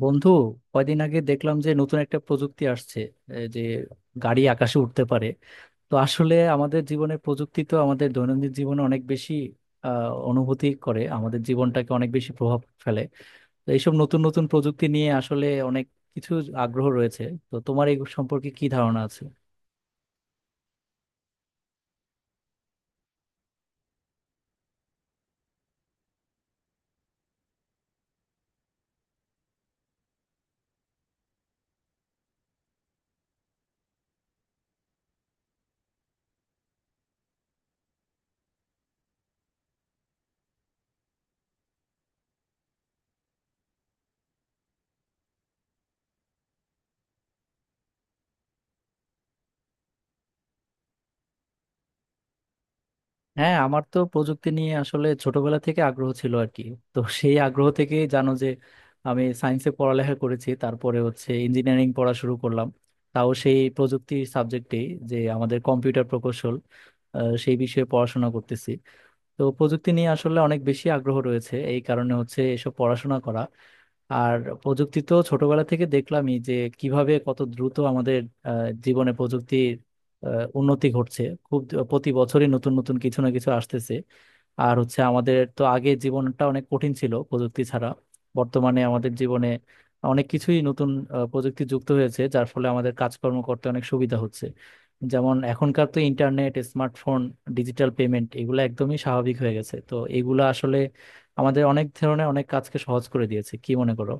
বন্ধু, কয়দিন আগে দেখলাম যে নতুন একটা প্রযুক্তি আসছে, যে গাড়ি আকাশে উঠতে পারে। তো আসলে আমাদের জীবনে প্রযুক্তি তো আমাদের দৈনন্দিন জীবনে অনেক বেশি অনুভূতি করে, আমাদের জীবনটাকে অনেক বেশি প্রভাব ফেলে। তো এইসব নতুন নতুন প্রযুক্তি নিয়ে আসলে অনেক কিছু আগ্রহ রয়েছে। তো তোমার এই সম্পর্কে কি ধারণা আছে? হ্যাঁ, আমার তো প্রযুক্তি নিয়ে আসলে ছোটবেলা থেকে আগ্রহ ছিল আর কি। তো সেই আগ্রহ থেকে জানো যে আমি সায়েন্সে পড়ালেখা করেছি, তারপরে হচ্ছে ইঞ্জিনিয়ারিং পড়া শুরু করলাম। তাও সেই প্রযুক্তি সাবজেক্টেই, যে আমাদের কম্পিউটার প্রকৌশল, সেই বিষয়ে পড়াশোনা করতেছি। তো প্রযুক্তি নিয়ে আসলে অনেক বেশি আগ্রহ রয়েছে, এই কারণে হচ্ছে এসব পড়াশোনা করা। আর প্রযুক্তি তো ছোটবেলা থেকে দেখলামই যে কিভাবে কত দ্রুত আমাদের আহ, জীবনে প্রযুক্তির উন্নতি ঘটছে। খুব প্রতি বছরই নতুন নতুন কিছু না কিছু আসতেছে। আর হচ্ছে, আমাদের তো আগে জীবনটা অনেক কঠিন ছিল প্রযুক্তি ছাড়া। বর্তমানে আমাদের জীবনে অনেক কিছুই নতুন প্রযুক্তি যুক্ত হয়েছে, যার ফলে আমাদের কাজকর্ম করতে অনেক সুবিধা হচ্ছে। যেমন এখনকার তো ইন্টারনেট, স্মার্টফোন, ডিজিটাল পেমেন্ট, এগুলো একদমই স্বাভাবিক হয়ে গেছে। তো এগুলো আসলে আমাদের অনেক ধরনের অনেক কাজকে সহজ করে দিয়েছে, কি মনে করো?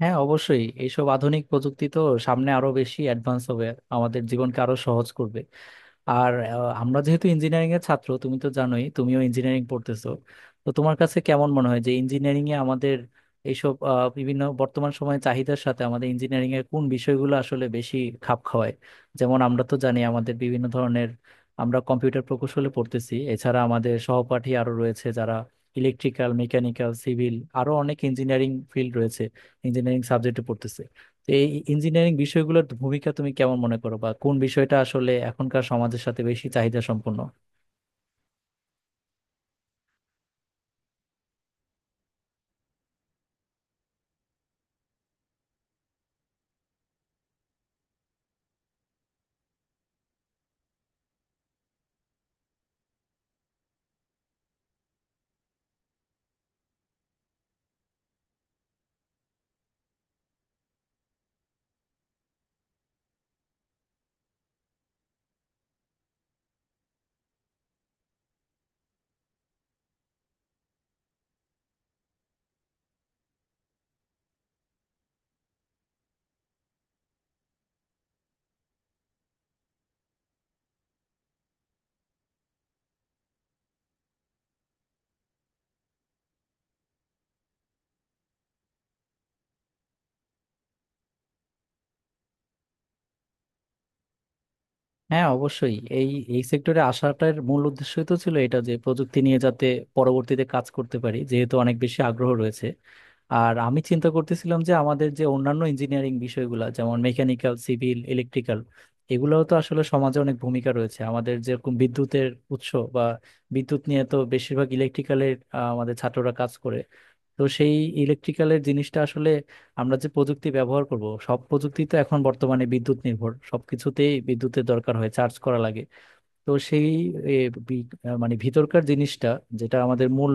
হ্যাঁ, অবশ্যই এইসব আধুনিক প্রযুক্তি তো সামনে আরো বেশি অ্যাডভান্স হবে, আমাদের জীবনকে আরো সহজ করবে। আর আমরা যেহেতু ইঞ্জিনিয়ারিং এর ছাত্র, তুমি তো জানোই তুমিও ইঞ্জিনিয়ারিং পড়তেছো। তো তোমার কাছে কেমন মনে হয় যে ইঞ্জিনিয়ারিং এ আমাদের এইসব বিভিন্ন বর্তমান সময়ে চাহিদার সাথে আমাদের ইঞ্জিনিয়ারিং এর কোন বিষয়গুলো আসলে বেশি খাপ খাওয়ায়? যেমন আমরা তো জানি আমাদের বিভিন্ন ধরনের, আমরা কম্পিউটার প্রকৌশলে পড়তেছি, এছাড়া আমাদের সহপাঠী আরো রয়েছে যারা ইলেকট্রিক্যাল, মেকানিক্যাল, সিভিল, আরো অনেক ইঞ্জিনিয়ারিং ফিল্ড রয়েছে, ইঞ্জিনিয়ারিং সাবজেক্টে পড়তেছে। তো এই ইঞ্জিনিয়ারিং বিষয়গুলোর ভূমিকা তুমি কেমন মনে করো, বা কোন বিষয়টা আসলে এখনকার সমাজের সাথে বেশি চাহিদা সম্পন্ন? হ্যাঁ, অবশ্যই এই এই সেক্টরে আসাটার মূল উদ্দেশ্যই তো ছিল এটা, যে প্রযুক্তি নিয়ে যাতে পরবর্তীতে কাজ করতে পারি, যেহেতু অনেক বেশি আগ্রহ রয়েছে। আর আমি চিন্তা করতেছিলাম যে আমাদের যে অন্যান্য ইঞ্জিনিয়ারিং বিষয়গুলো, যেমন মেকানিক্যাল, সিভিল, ইলেকট্রিক্যাল, এগুলোও তো আসলে সমাজে অনেক ভূমিকা রয়েছে। আমাদের যেরকম বিদ্যুতের উৎস বা বিদ্যুৎ নিয়ে তো বেশিরভাগ ইলেকট্রিক্যালের আমাদের ছাত্ররা কাজ করে। তো সেই ইলেকট্রিক্যালের জিনিসটা আসলে, আমরা যে প্রযুক্তি ব্যবহার করব, সব প্রযুক্তি তো এখন বর্তমানে বিদ্যুৎ নির্ভর, সবকিছুতেই বিদ্যুতের দরকার হয়, চার্জ করা লাগে। তো সেই এ, মানে ভিতরকার জিনিসটা, যেটা আমাদের মূল,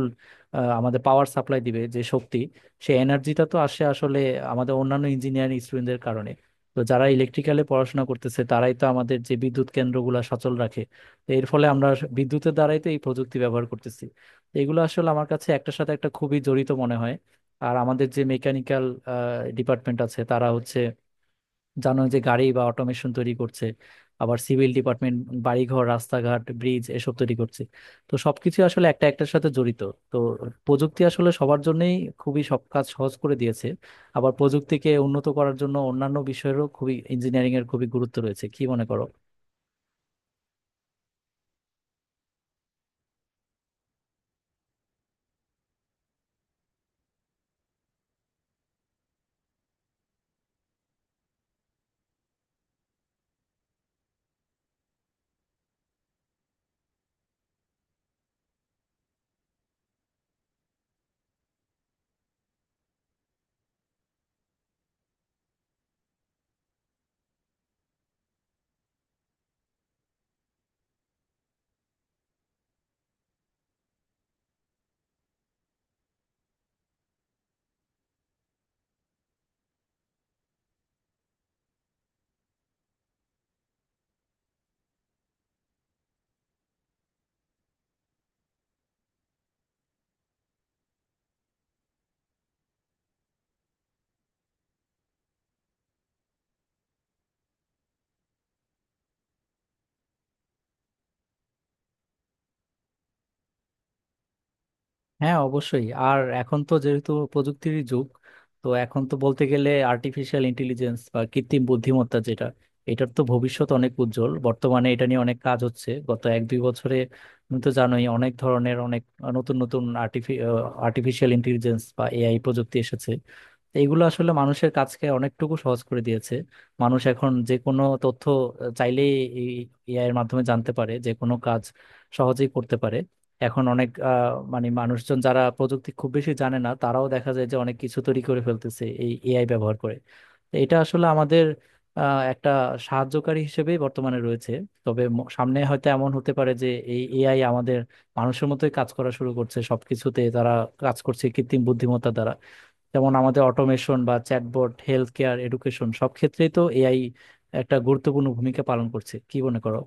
আমাদের পাওয়ার সাপ্লাই দিবে, যে শক্তি, সেই এনার্জিটা তো আসে আসলে আমাদের অন্যান্য ইঞ্জিনিয়ারিং স্টুডেন্টদের কারণে। তো যারা ইলেকট্রিক্যালে পড়াশোনা করতেছে, তারাই তো আমাদের যে বিদ্যুৎ কেন্দ্রগুলো সচল রাখে। তো এর ফলে আমরা বিদ্যুতের দ্বারাই তো এই প্রযুক্তি ব্যবহার করতেছি। তো এগুলো আসলে আমার কাছে একটার সাথে একটা খুবই জড়িত মনে হয়। আর আমাদের যে মেকানিক্যাল ডিপার্টমেন্ট আছে, তারা হচ্ছে, জানো যে, গাড়ি বা অটোমেশন তৈরি করছে। আবার সিভিল ডিপার্টমেন্ট বাড়িঘর, রাস্তাঘাট, ব্রিজ এসব তৈরি করছে। তো সবকিছু আসলে একটা একটার সাথে জড়িত। তো প্রযুক্তি আসলে সবার জন্যই খুবই সব কাজ সহজ করে দিয়েছে। আবার প্রযুক্তিকে উন্নত করার জন্য অন্যান্য বিষয়েরও খুবই, ইঞ্জিনিয়ারিং এর খুবই গুরুত্ব রয়েছে, কি মনে করো? হ্যাঁ, অবশ্যই। আর এখন তো যেহেতু প্রযুক্তির যুগ, তো এখন তো বলতে গেলে আর্টিফিশিয়াল ইন্টেলিজেন্স বা কৃত্রিম বুদ্ধিমত্তা, যেটা, এটার তো ভবিষ্যৎ অনেক উজ্জ্বল। বর্তমানে এটা নিয়ে অনেক কাজ হচ্ছে গত 1-2 বছরে। তুমি তো জানোই অনেক ধরনের, অনেক নতুন নতুন আর্টিফিশিয়াল ইন্টেলিজেন্স বা এআই প্রযুক্তি এসেছে। তো এগুলো আসলে মানুষের কাজকে অনেকটুকু সহজ করে দিয়েছে। মানুষ এখন যে কোনো তথ্য চাইলেই এই এআই এর মাধ্যমে জানতে পারে, যে কোনো কাজ সহজেই করতে পারে। এখন অনেক মানে মানুষজন যারা প্রযুক্তি খুব বেশি জানে না, তারাও দেখা যায় যে অনেক কিছু তৈরি করে ফেলতেছে এই এআই ব্যবহার করে। তো এটা আসলে আমাদের একটা সাহায্যকারী হিসেবেই বর্তমানে রয়েছে। তবে সামনে হয়তো এমন হতে পারে যে এই এআই আমাদের মানুষের মতোই কাজ করা শুরু করছে, সবকিছুতে তারা কাজ করছে কৃত্রিম বুদ্ধিমত্তা দ্বারা। যেমন আমাদের অটোমেশন বা চ্যাটবট, হেলথ কেয়ার, এডুকেশন, সব ক্ষেত্রেই তো এআই একটা গুরুত্বপূর্ণ ভূমিকা পালন করছে, কি মনে করো?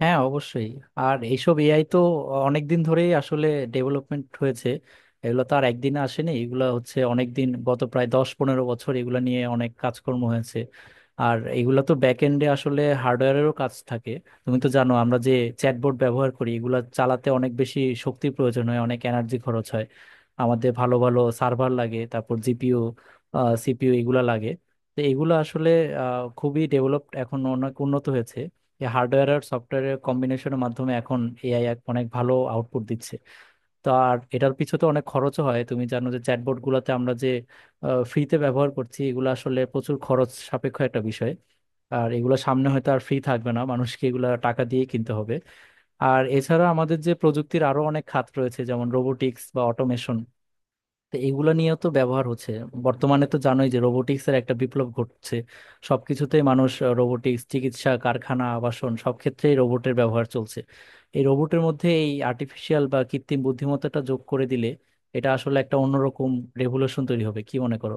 হ্যাঁ, অবশ্যই। আর এইসব এআই তো অনেক দিন ধরেই আসলে ডেভেলপমেন্ট হয়েছে। এগুলো তো আর একদিনে আসেনি। এগুলো হচ্ছে অনেক দিন, গত প্রায় 10-15 বছর এগুলো নিয়ে অনেক কাজকর্ম হয়েছে। আর এগুলো তো ব্যাক এন্ডে আসলে হার্ডওয়্যারেরও কাজ থাকে। তুমি তো জানো, আমরা যে চ্যাটবোর্ড ব্যবহার করি, এগুলো চালাতে অনেক বেশি শক্তি প্রয়োজন হয়, অনেক এনার্জি খরচ হয়। আমাদের ভালো ভালো সার্ভার লাগে, তারপর জিপিইউ, সিপিইউ এগুলা লাগে। তো এগুলো আসলে খুবই ডেভেলপড এখন, অনেক উন্নত হয়েছে। যে হার্ডওয়্যার আর সফটওয়্যারের কম্বিনেশনের মাধ্যমে এখন এআই এক অনেক ভালো আউটপুট দিচ্ছে। তো আর এটার পিছনে তো অনেক খরচও হয়। তুমি জানো যে চ্যাটবট গুলাতে আমরা যে ফ্রিতে ব্যবহার করছি, এগুলো আসলে প্রচুর খরচ সাপেক্ষ একটা বিষয়। আর এগুলো সামনে হয়তো আর ফ্রি থাকবে না, মানুষকে এগুলো টাকা দিয়ে কিনতে হবে। আর এছাড়া আমাদের যে প্রযুক্তির আরো অনেক খাত রয়েছে, যেমন রোবোটিক্স বা অটোমেশন, তো এগুলো নিয়েও তো ব্যবহার হচ্ছে। বর্তমানে তো জানোই যে রোবোটিক্সের একটা বিপ্লব ঘটছে। সবকিছুতেই মানুষ রোবোটিক্স, চিকিৎসা, কারখানা, আবাসন, সব ক্ষেত্রেই রোবটের ব্যবহার চলছে। এই রোবটের মধ্যে এই আর্টিফিশিয়াল বা কৃত্রিম বুদ্ধিমত্তাটা যোগ করে দিলে এটা আসলে একটা অন্যরকম রেভলিউশন তৈরি হবে, কি মনে করো?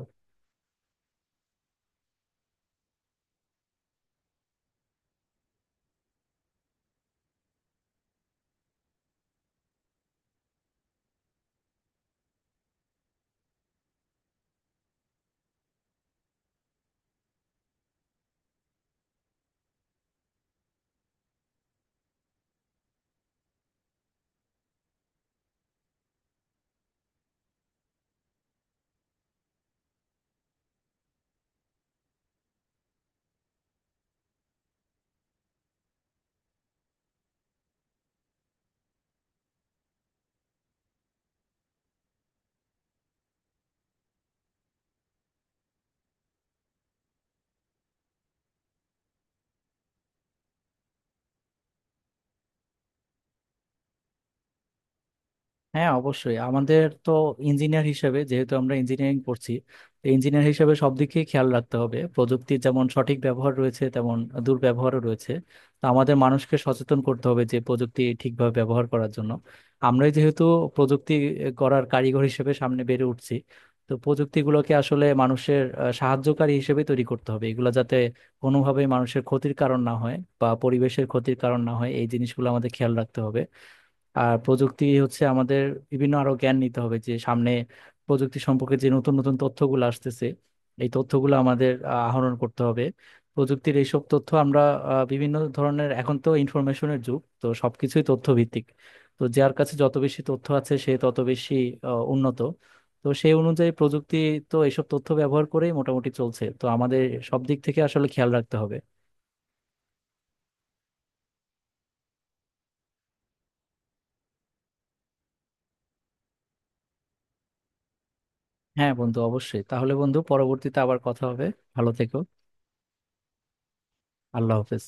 হ্যাঁ, অবশ্যই। আমাদের তো ইঞ্জিনিয়ার হিসেবে, যেহেতু আমরা ইঞ্জিনিয়ারিং পড়ছি, তো ইঞ্জিনিয়ার হিসেবে সব দিকে খেয়াল রাখতে হবে। প্রযুক্তির যেমন সঠিক ব্যবহার রয়েছে, তেমন দুর্ব্যবহারও রয়েছে। তো আমাদের মানুষকে সচেতন করতে হবে, যে প্রযুক্তি ঠিকভাবে ব্যবহার করার জন্য। আমরাই যেহেতু প্রযুক্তি করার কারিগর হিসেবে সামনে বেড়ে উঠছি, তো প্রযুক্তিগুলোকে আসলে মানুষের সাহায্যকারী হিসেবে তৈরি করতে হবে, এগুলো যাতে কোনোভাবেই মানুষের ক্ষতির কারণ না হয় বা পরিবেশের ক্ষতির কারণ না হয়, এই জিনিসগুলো আমাদের খেয়াল রাখতে হবে। আর প্রযুক্তি হচ্ছে আমাদের, বিভিন্ন আরো জ্ঞান নিতে হবে, যে সামনে প্রযুক্তি সম্পর্কে যে নতুন নতুন তথ্যগুলো আসতেছে, এই তথ্যগুলো আমাদের আহরণ করতে হবে। প্রযুক্তির এইসব তথ্য আমরা বিভিন্ন ধরনের, এখন তো ইনফরমেশনের যুগ, তো সবকিছুই তথ্য ভিত্তিক। তো যার কাছে যত বেশি তথ্য আছে, সে তত বেশি উন্নত। তো সেই অনুযায়ী প্রযুক্তি তো এইসব তথ্য ব্যবহার করেই মোটামুটি চলছে। তো আমাদের সব দিক থেকে আসলে খেয়াল রাখতে হবে। হ্যাঁ বন্ধু, অবশ্যই। তাহলে বন্ধু, পরবর্তীতে আবার কথা হবে। ভালো থেকো। আল্লাহ হাফেজ।